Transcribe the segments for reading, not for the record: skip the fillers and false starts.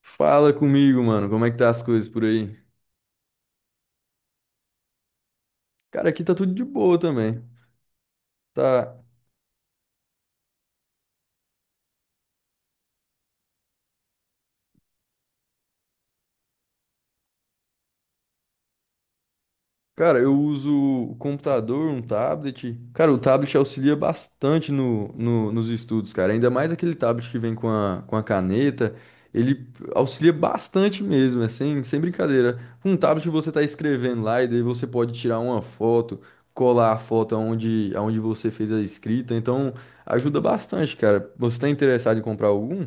Fala comigo, mano. Como é que tá as coisas por aí? Cara, aqui tá tudo de boa também. Tá. Cara, eu uso o computador, um tablet. Cara, o tablet auxilia bastante nos estudos, cara. Ainda mais aquele tablet que vem com a caneta. Ele auxilia bastante mesmo, é sem brincadeira. Com um tablet você tá escrevendo lá e daí você pode tirar uma foto, colar a foto aonde você fez a escrita. Então, ajuda bastante, cara. Você tá interessado em comprar algum?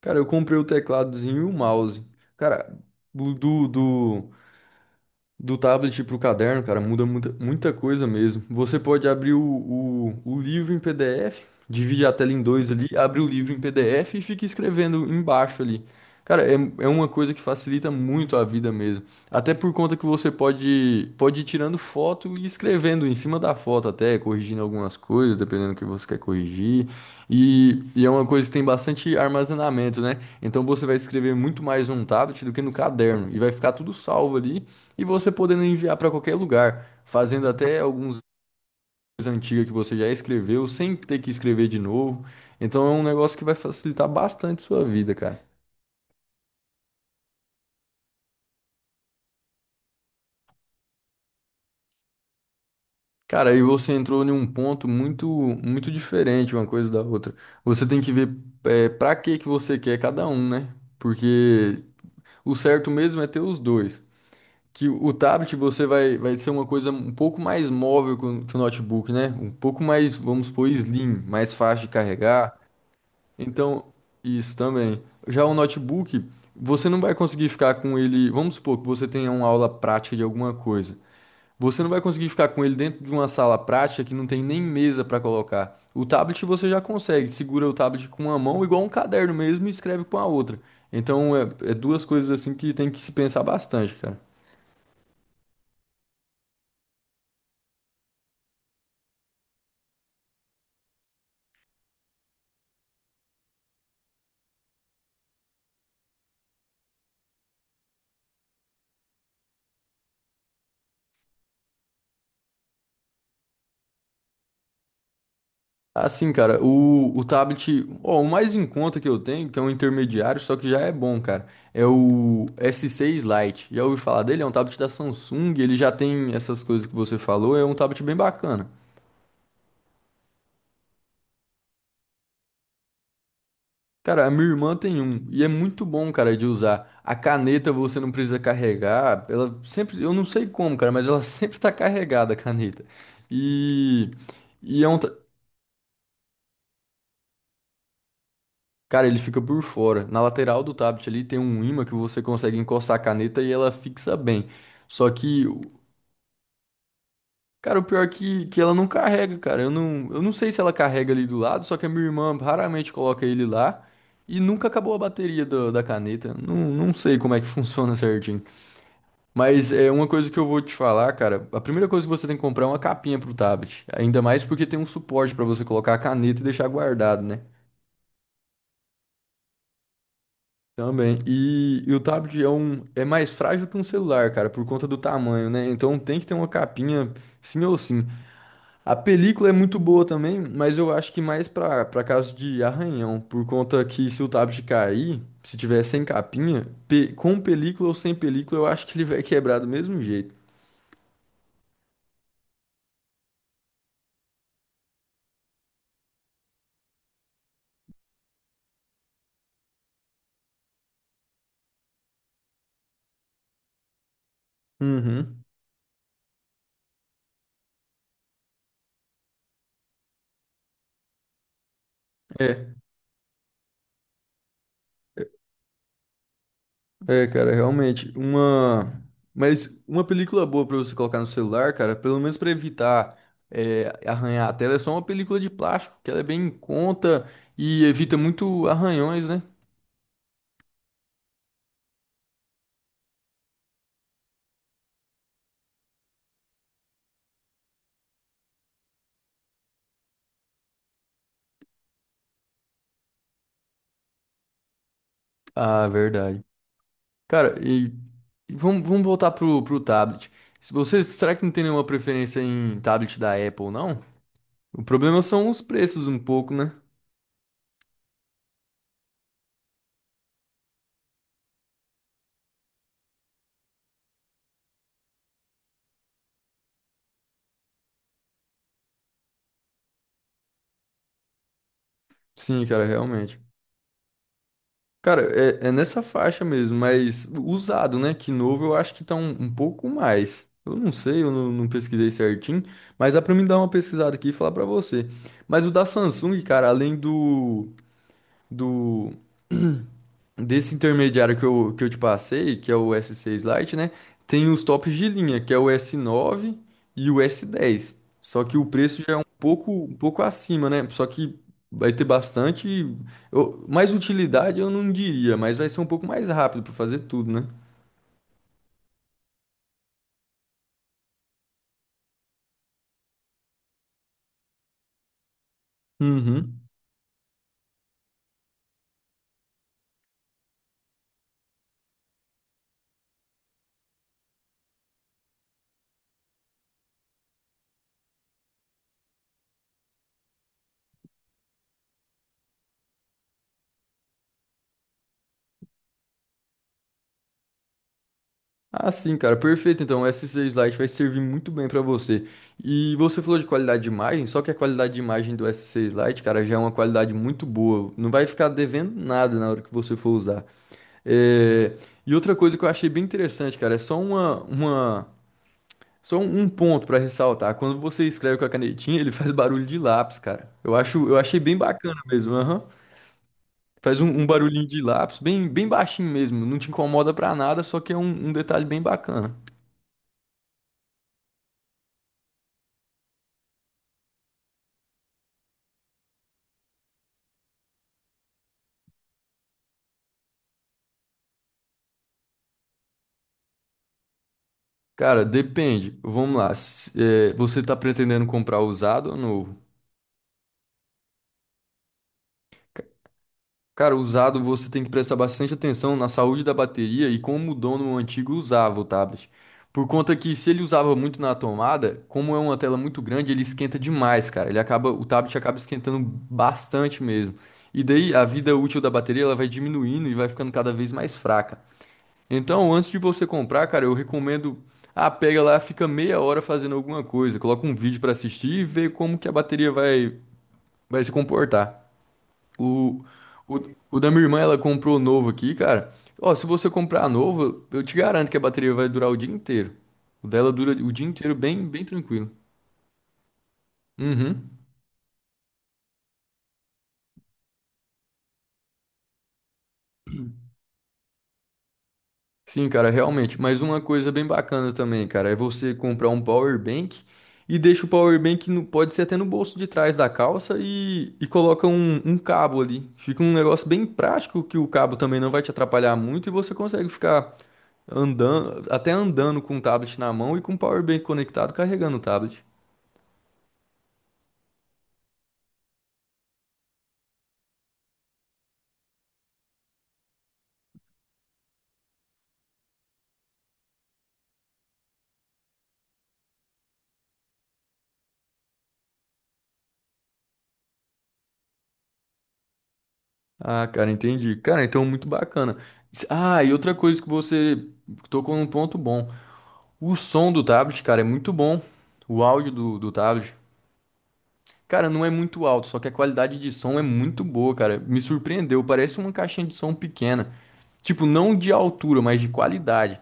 Cara, eu comprei o tecladozinho e o mouse. Cara, do, do, do- do tablet para o caderno, cara, muda muita coisa mesmo. Você pode abrir o livro em PDF, divide a tela em dois ali, abre o livro em PDF e fica escrevendo embaixo ali. Cara, é uma coisa que facilita muito a vida mesmo. Até por conta que você pode ir tirando foto e escrevendo em cima da foto até, corrigindo algumas coisas, dependendo do que você quer corrigir. E é uma coisa que tem bastante armazenamento, né? Então você vai escrever muito mais num tablet do que no caderno. E vai ficar tudo salvo ali. E você podendo enviar para qualquer lugar, fazendo até alguns antigos que você já escreveu, sem ter que escrever de novo. Então é um negócio que vai facilitar bastante sua vida, cara. Cara, aí você entrou em um ponto muito, muito diferente uma coisa da outra. Você tem que ver é, para que que você quer cada um, né? Porque o certo mesmo é ter os dois. Que o tablet vai ser uma coisa um pouco mais móvel que o notebook, né? Um pouco mais, vamos supor, slim, mais fácil de carregar. Então, isso também. Já o notebook, você não vai conseguir ficar com ele. Vamos supor que você tenha uma aula prática de alguma coisa. Você não vai conseguir ficar com ele dentro de uma sala prática que não tem nem mesa para colocar. O tablet você já consegue, segura o tablet com uma mão, igual um caderno mesmo, e escreve com a outra. Então, é duas coisas assim que tem que se pensar bastante, cara. Assim, cara, o tablet, ó, o mais em conta que eu tenho, que é um intermediário, só que já é bom, cara, é o S6 Lite. Já ouvi falar dele? É um tablet da Samsung, ele já tem essas coisas que você falou, é um tablet bem bacana. Cara, a minha irmã tem um, e é muito bom, cara, de usar. A caneta você não precisa carregar, ela sempre, eu não sei como, cara, mas ela sempre tá carregada a caneta. E, e é um, ta- Cara, ele fica por fora. Na lateral do tablet ali tem um ímã que você consegue encostar a caneta e ela fixa bem. Só que, o- cara, o pior é que ela não carrega, cara. Eu não sei se ela carrega ali do lado, só que a minha irmã raramente coloca ele lá e nunca acabou a bateria do- da caneta. Não sei como é que funciona certinho. Mas é uma coisa que eu vou te falar, cara. A primeira coisa que você tem que comprar é uma capinha pro tablet. Ainda mais porque tem um suporte pra você colocar a caneta e deixar guardado, né? Também. E o tablet é, um, é mais frágil que um celular, cara, por conta do tamanho, né? Então tem que ter uma capinha, sim ou sim. A película é muito boa também, mas eu acho que mais pra para caso de arranhão, por conta que se o tablet cair, se tiver sem capinha, pe- com película ou sem película, eu acho que ele vai quebrar do mesmo jeito. Uhum. É. É, cara, realmente, uma... Mas uma película boa pra você colocar no celular, cara, pelo menos pra evitar é, arranhar a tela, é só uma película de plástico, que ela é bem em conta e evita muito arranhões, né? Ah, verdade. Cara, e vamos voltar pro tablet. Se você, será que não tem nenhuma preferência em tablet da Apple, não? O problema são os preços um pouco, né? Sim, cara, realmente. Cara, é nessa faixa mesmo, mas usado, né? Que novo eu acho que tá um pouco mais. Eu não sei, eu não, não pesquisei certinho, mas dá pra mim dar uma pesquisada aqui e falar pra você. Mas o da Samsung, cara, além do desse intermediário que eu te passei, que é o S6 Lite, né? Tem os tops de linha, que é o S9 e o S10. Só que o preço já é um pouco acima, né? Só que vai ter bastante. Eu- mais utilidade eu não diria, mas vai ser um pouco mais rápido para fazer tudo, né? Uhum. Ah, sim, cara, perfeito. Então, o SC Slide vai servir muito bem para você. E você falou de qualidade de imagem, só que a qualidade de imagem do s SC Slide, cara, já é uma qualidade muito boa. Não vai ficar devendo nada na hora que você for usar. É, e outra coisa que eu achei bem interessante, cara, é só uma... só um ponto para ressaltar. Quando você escreve com a canetinha, ele faz barulho de lápis, cara. Eu achei bem bacana mesmo. Aham. Faz um barulhinho de lápis, bem baixinho mesmo. Não te incomoda pra nada, só que é um um detalhe bem bacana. Cara, depende. Vamos lá. Se- você tá pretendendo comprar usado ou novo? Cara, usado você tem que prestar bastante atenção na saúde da bateria e como o dono antigo usava o tablet. Por conta que se ele usava muito na tomada, como é uma tela muito grande, ele esquenta demais, cara. Ele acaba, o tablet acaba esquentando bastante mesmo. E daí a vida útil da bateria ela vai diminuindo e vai ficando cada vez mais fraca. Então, antes de você comprar, cara, eu recomendo. Ah, pega lá, fica meia hora fazendo alguma coisa, coloca um vídeo pra assistir e vê como que a bateria vai, vai se comportar. O, o, o da minha irmã, ela comprou novo aqui, cara. Ó, se você comprar novo, eu te garanto que a bateria vai durar o dia inteiro. O dela dura o dia inteiro bem tranquilo. Uhum. Sim, cara, realmente. Mas uma coisa bem bacana também, cara, é você comprar um power bank e deixa o power bank no, pode ser até no bolso de trás da calça e coloca um cabo ali. Fica um negócio bem prático que o cabo também não vai te atrapalhar muito e você consegue ficar andando, até andando com o tablet na mão e com o power bank conectado carregando o tablet. Ah, cara, entendi. Cara, então muito bacana. S- Ah, e outra coisa que você tocou num ponto bom. O som do tablet, cara, é muito bom. O áudio do tablet. Cara, não é muito alto, só que a qualidade de som é muito boa, cara. Me surpreendeu, parece uma caixinha de som pequena. Tipo, não de altura, mas de qualidade.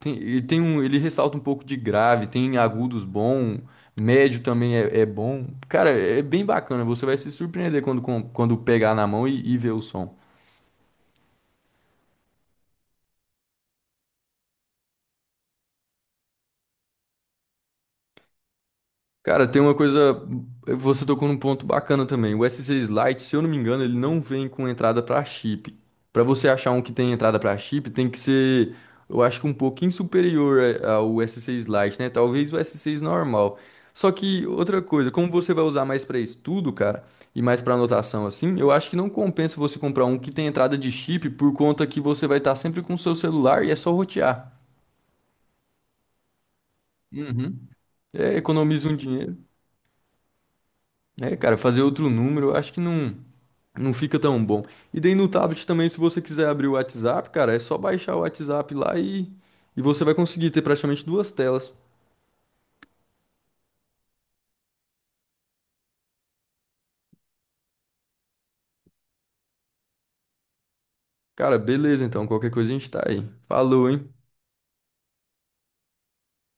Tem, e tem um, ele ressalta um pouco de grave, tem agudos bom, médio também é bom. Cara, é bem bacana, você vai se surpreender quando, com- quando pegar na mão e ver o som. Cara, tem uma coisa. Você tocou num ponto bacana também. O s SC Lite, se eu não me engano, ele não vem com entrada para chip. Para você achar um que tem entrada para chip, tem que ser, eu acho que um pouquinho superior a- ao SC Lite, né? Talvez o s SC normal. Só que outra coisa, como você vai usar mais para estudo, cara, e mais para anotação assim, eu acho que não compensa você comprar um que tem entrada de chip por conta que você vai estar sempre com o seu celular e é só rotear. Uhum. É, economiza um dinheiro. É, cara, fazer outro número, eu acho que não, não fica tão bom. E daí no tablet também, se você quiser abrir o WhatsApp, cara, é só baixar o WhatsApp lá e você vai conseguir ter praticamente duas telas. Cara, beleza, então, qualquer coisa a gente tá aí. Falou, hein?